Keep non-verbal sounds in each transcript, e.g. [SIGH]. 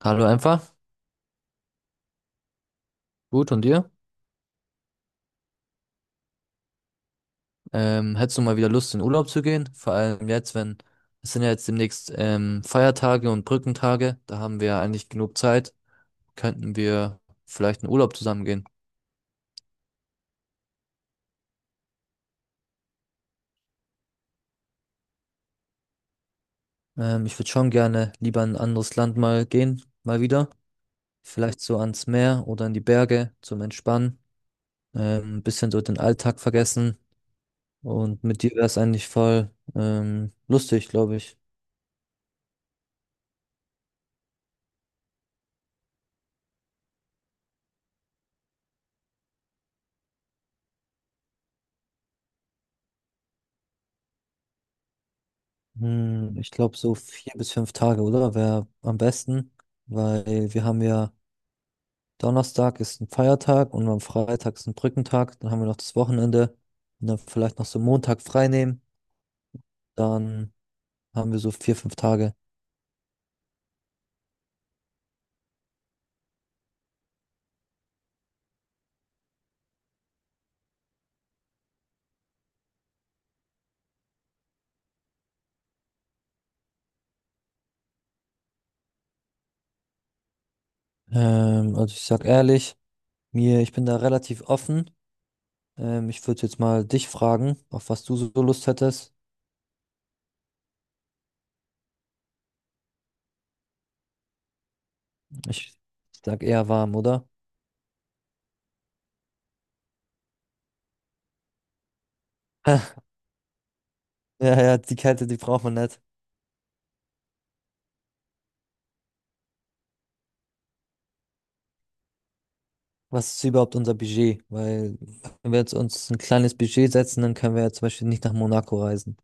Hallo einfach. Gut, und dir? Hättest du mal wieder Lust, in Urlaub zu gehen? Vor allem jetzt, wenn es sind ja jetzt demnächst Feiertage und Brückentage. Da haben wir ja eigentlich genug Zeit. Könnten wir vielleicht in Urlaub zusammen gehen? Ich würde schon gerne lieber in ein anderes Land mal gehen, mal wieder. Vielleicht so ans Meer oder in die Berge zum Entspannen. Ein bisschen so den Alltag vergessen. Und mit dir wäre es eigentlich voll lustig, glaube ich. Hm, ich glaube so vier bis fünf Tage, oder? Wäre am besten, weil wir haben ja Donnerstag ist ein Feiertag und am Freitag ist ein Brückentag, dann haben wir noch das Wochenende und dann vielleicht noch so Montag frei nehmen, dann haben wir so vier, fünf Tage. Also ich sag ehrlich, mir, ich bin da relativ offen. Ich würde jetzt mal dich fragen, auf was du so Lust hättest. Ich sag eher warm, oder? [LAUGHS] Ja, ja, die Kälte, die braucht man nicht. Was ist überhaupt unser Budget? Weil, wenn wir jetzt uns ein kleines Budget setzen, dann können wir ja zum Beispiel nicht nach Monaco reisen.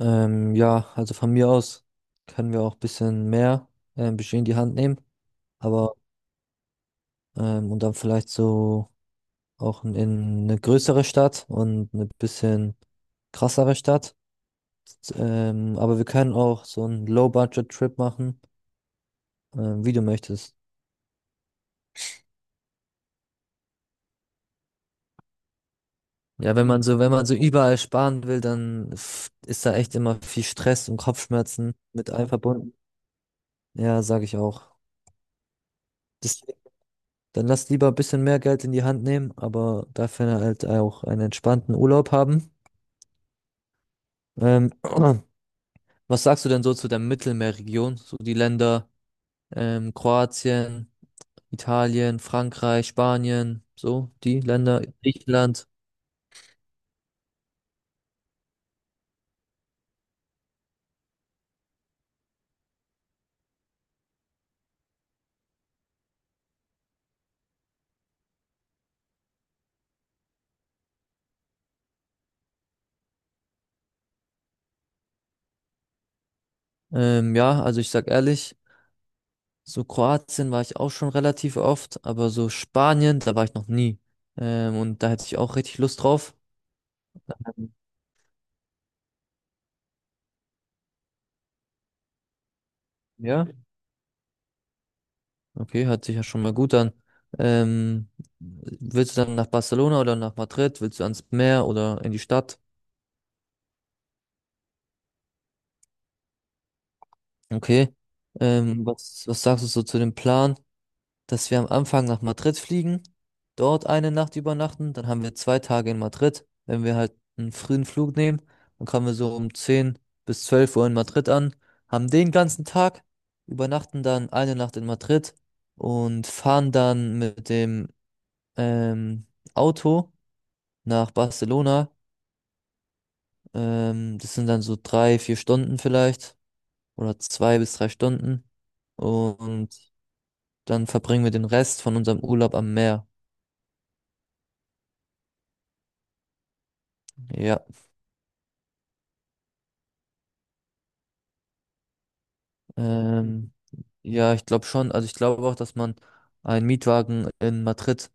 Ja, also von mir aus können wir auch ein bisschen mehr Budget in die Hand nehmen, aber und dann vielleicht so auch in eine größere Stadt und eine bisschen krassere Stadt. Aber wir können auch so einen Low-Budget-Trip machen, wie du möchtest. Ja, wenn man so, wenn man so überall sparen will, dann ist da echt immer viel Stress und Kopfschmerzen mit einverbunden. Ja, sage ich auch. Deswegen, dann lass lieber ein bisschen mehr Geld in die Hand nehmen, aber dafür halt auch einen entspannten Urlaub haben. Ähm, [CLEARS THROAT] was sagst du denn so zu der Mittelmeerregion? So die Länder Kroatien, Italien, Frankreich, Spanien, so die Länder, Griechenland. Ja, also ich sag ehrlich, so Kroatien war ich auch schon relativ oft, aber so Spanien, da war ich noch nie. Und da hätte ich auch richtig Lust drauf. Ähm, Ja. Okay, hört sich ja schon mal gut an. Ähm, Willst du dann nach Barcelona oder nach Madrid? Willst du ans Meer oder in die Stadt? Okay. Ähm, was sagst du so zu dem Plan, dass wir am Anfang nach Madrid fliegen, dort eine Nacht übernachten, dann haben wir zwei Tage in Madrid. Wenn wir halt einen frühen Flug nehmen, dann kommen wir so um 10 bis 12 Uhr in Madrid an, haben den ganzen Tag, übernachten dann eine Nacht in Madrid und fahren dann mit dem ähm, Auto nach Barcelona. Das sind dann so drei, vier Stunden vielleicht oder zwei bis drei Stunden. Und dann verbringen wir den Rest von unserem Urlaub am Meer. Ja, ähm, ja, ich glaube schon. Also ich glaube auch, dass man einen Mietwagen in Madrid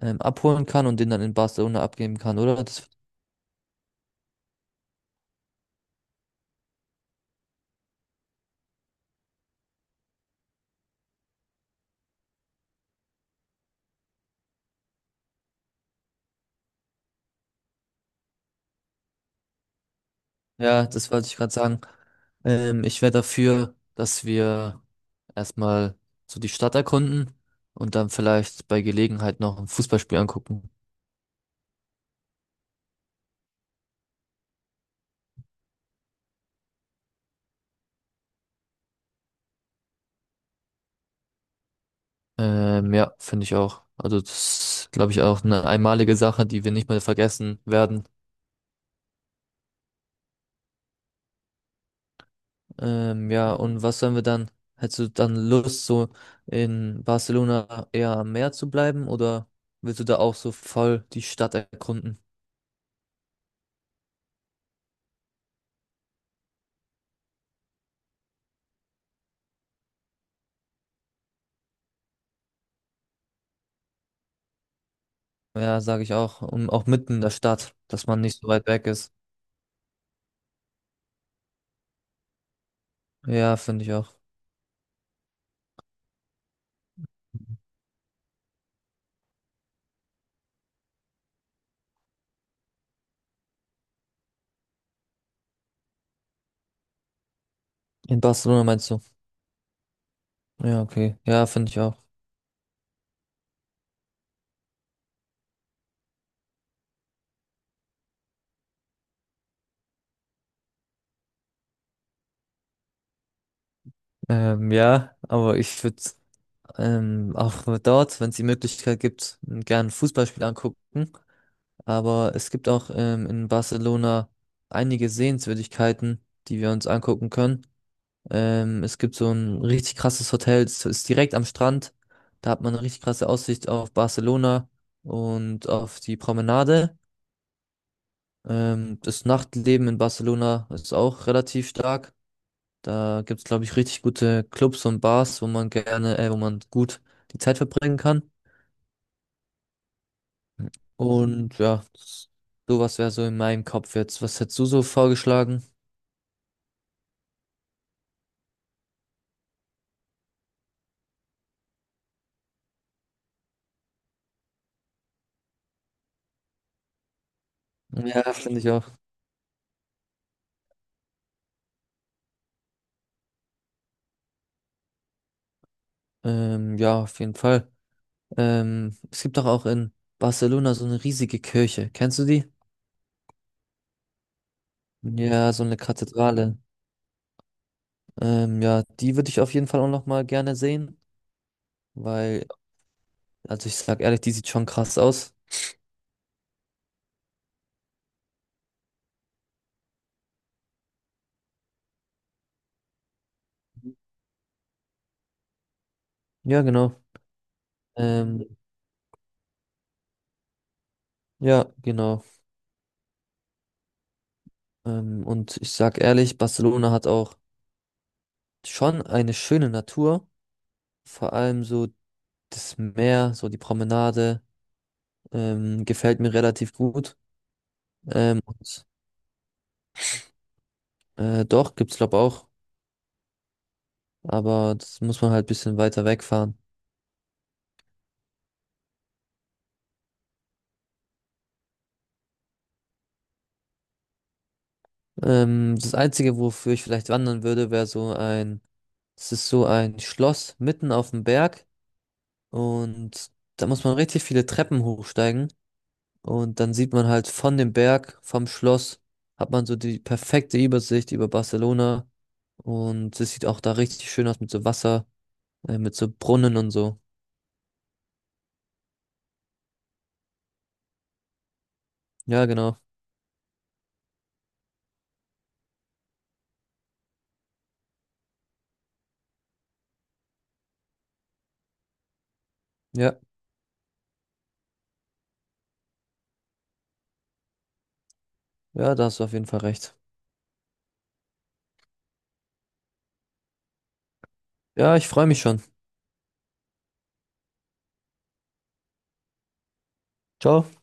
abholen kann und den dann in Barcelona abgeben kann, oder? Das, ja, das wollte ich gerade sagen. Ich wäre dafür, dass wir erstmal so die Stadt erkunden und dann vielleicht bei Gelegenheit noch ein Fußballspiel angucken. Ja, finde ich auch. Also das glaube ich auch eine einmalige Sache, die wir nicht mehr vergessen werden. Ja, und was sollen wir dann? Hättest du dann Lust, so in Barcelona eher am Meer zu bleiben oder willst du da auch so voll die Stadt erkunden? Ja, sage ich auch. Und auch mitten in der Stadt, dass man nicht so weit weg ist. Ja, finde ich auch. In Barcelona meinst du? Ja, okay. Ja, finde ich auch. Ja, aber ich würde auch dort, wenn es die Möglichkeit gibt, gern ein Fußballspiel angucken. Aber es gibt auch in Barcelona einige Sehenswürdigkeiten, die wir uns angucken können. Es gibt so ein richtig krasses Hotel, es ist direkt am Strand. Da hat man eine richtig krasse Aussicht auf Barcelona und auf die Promenade. Das Nachtleben in Barcelona ist auch relativ stark. Da gibt's glaube ich, richtig gute Clubs und Bars, wo man gerne, wo man gut die Zeit verbringen kann. Und ja, sowas wäre so in meinem Kopf jetzt. Was hättest du so vorgeschlagen? Ja, finde ich auch. Ja, auf jeden Fall. Es gibt doch auch in Barcelona so eine riesige Kirche. Kennst du die? Ja, so eine Kathedrale. Ja, die würde ich auf jeden Fall auch noch mal gerne sehen, weil, also ich sag ehrlich, die sieht schon krass aus. Ja, genau. Ähm, ja, genau. Und ich sag ehrlich, Barcelona hat auch schon eine schöne Natur. Vor allem so das Meer, so die Promenade, gefällt mir relativ gut. Ähm, und, doch, gibt's glaube auch, aber das muss man halt ein bisschen weiter wegfahren. Das Einzige, wofür ich vielleicht wandern würde, wäre so ein, es ist so ein Schloss mitten auf dem Berg und da muss man richtig viele Treppen hochsteigen und dann sieht man halt von dem Berg, vom Schloss, hat man so die perfekte Übersicht über Barcelona und es sieht auch da richtig schön aus mit so Wasser, mit so Brunnen und so. Ja, genau. Ja, ja, da hast du auf jeden Fall recht. Ja, ich freue mich schon. Ciao.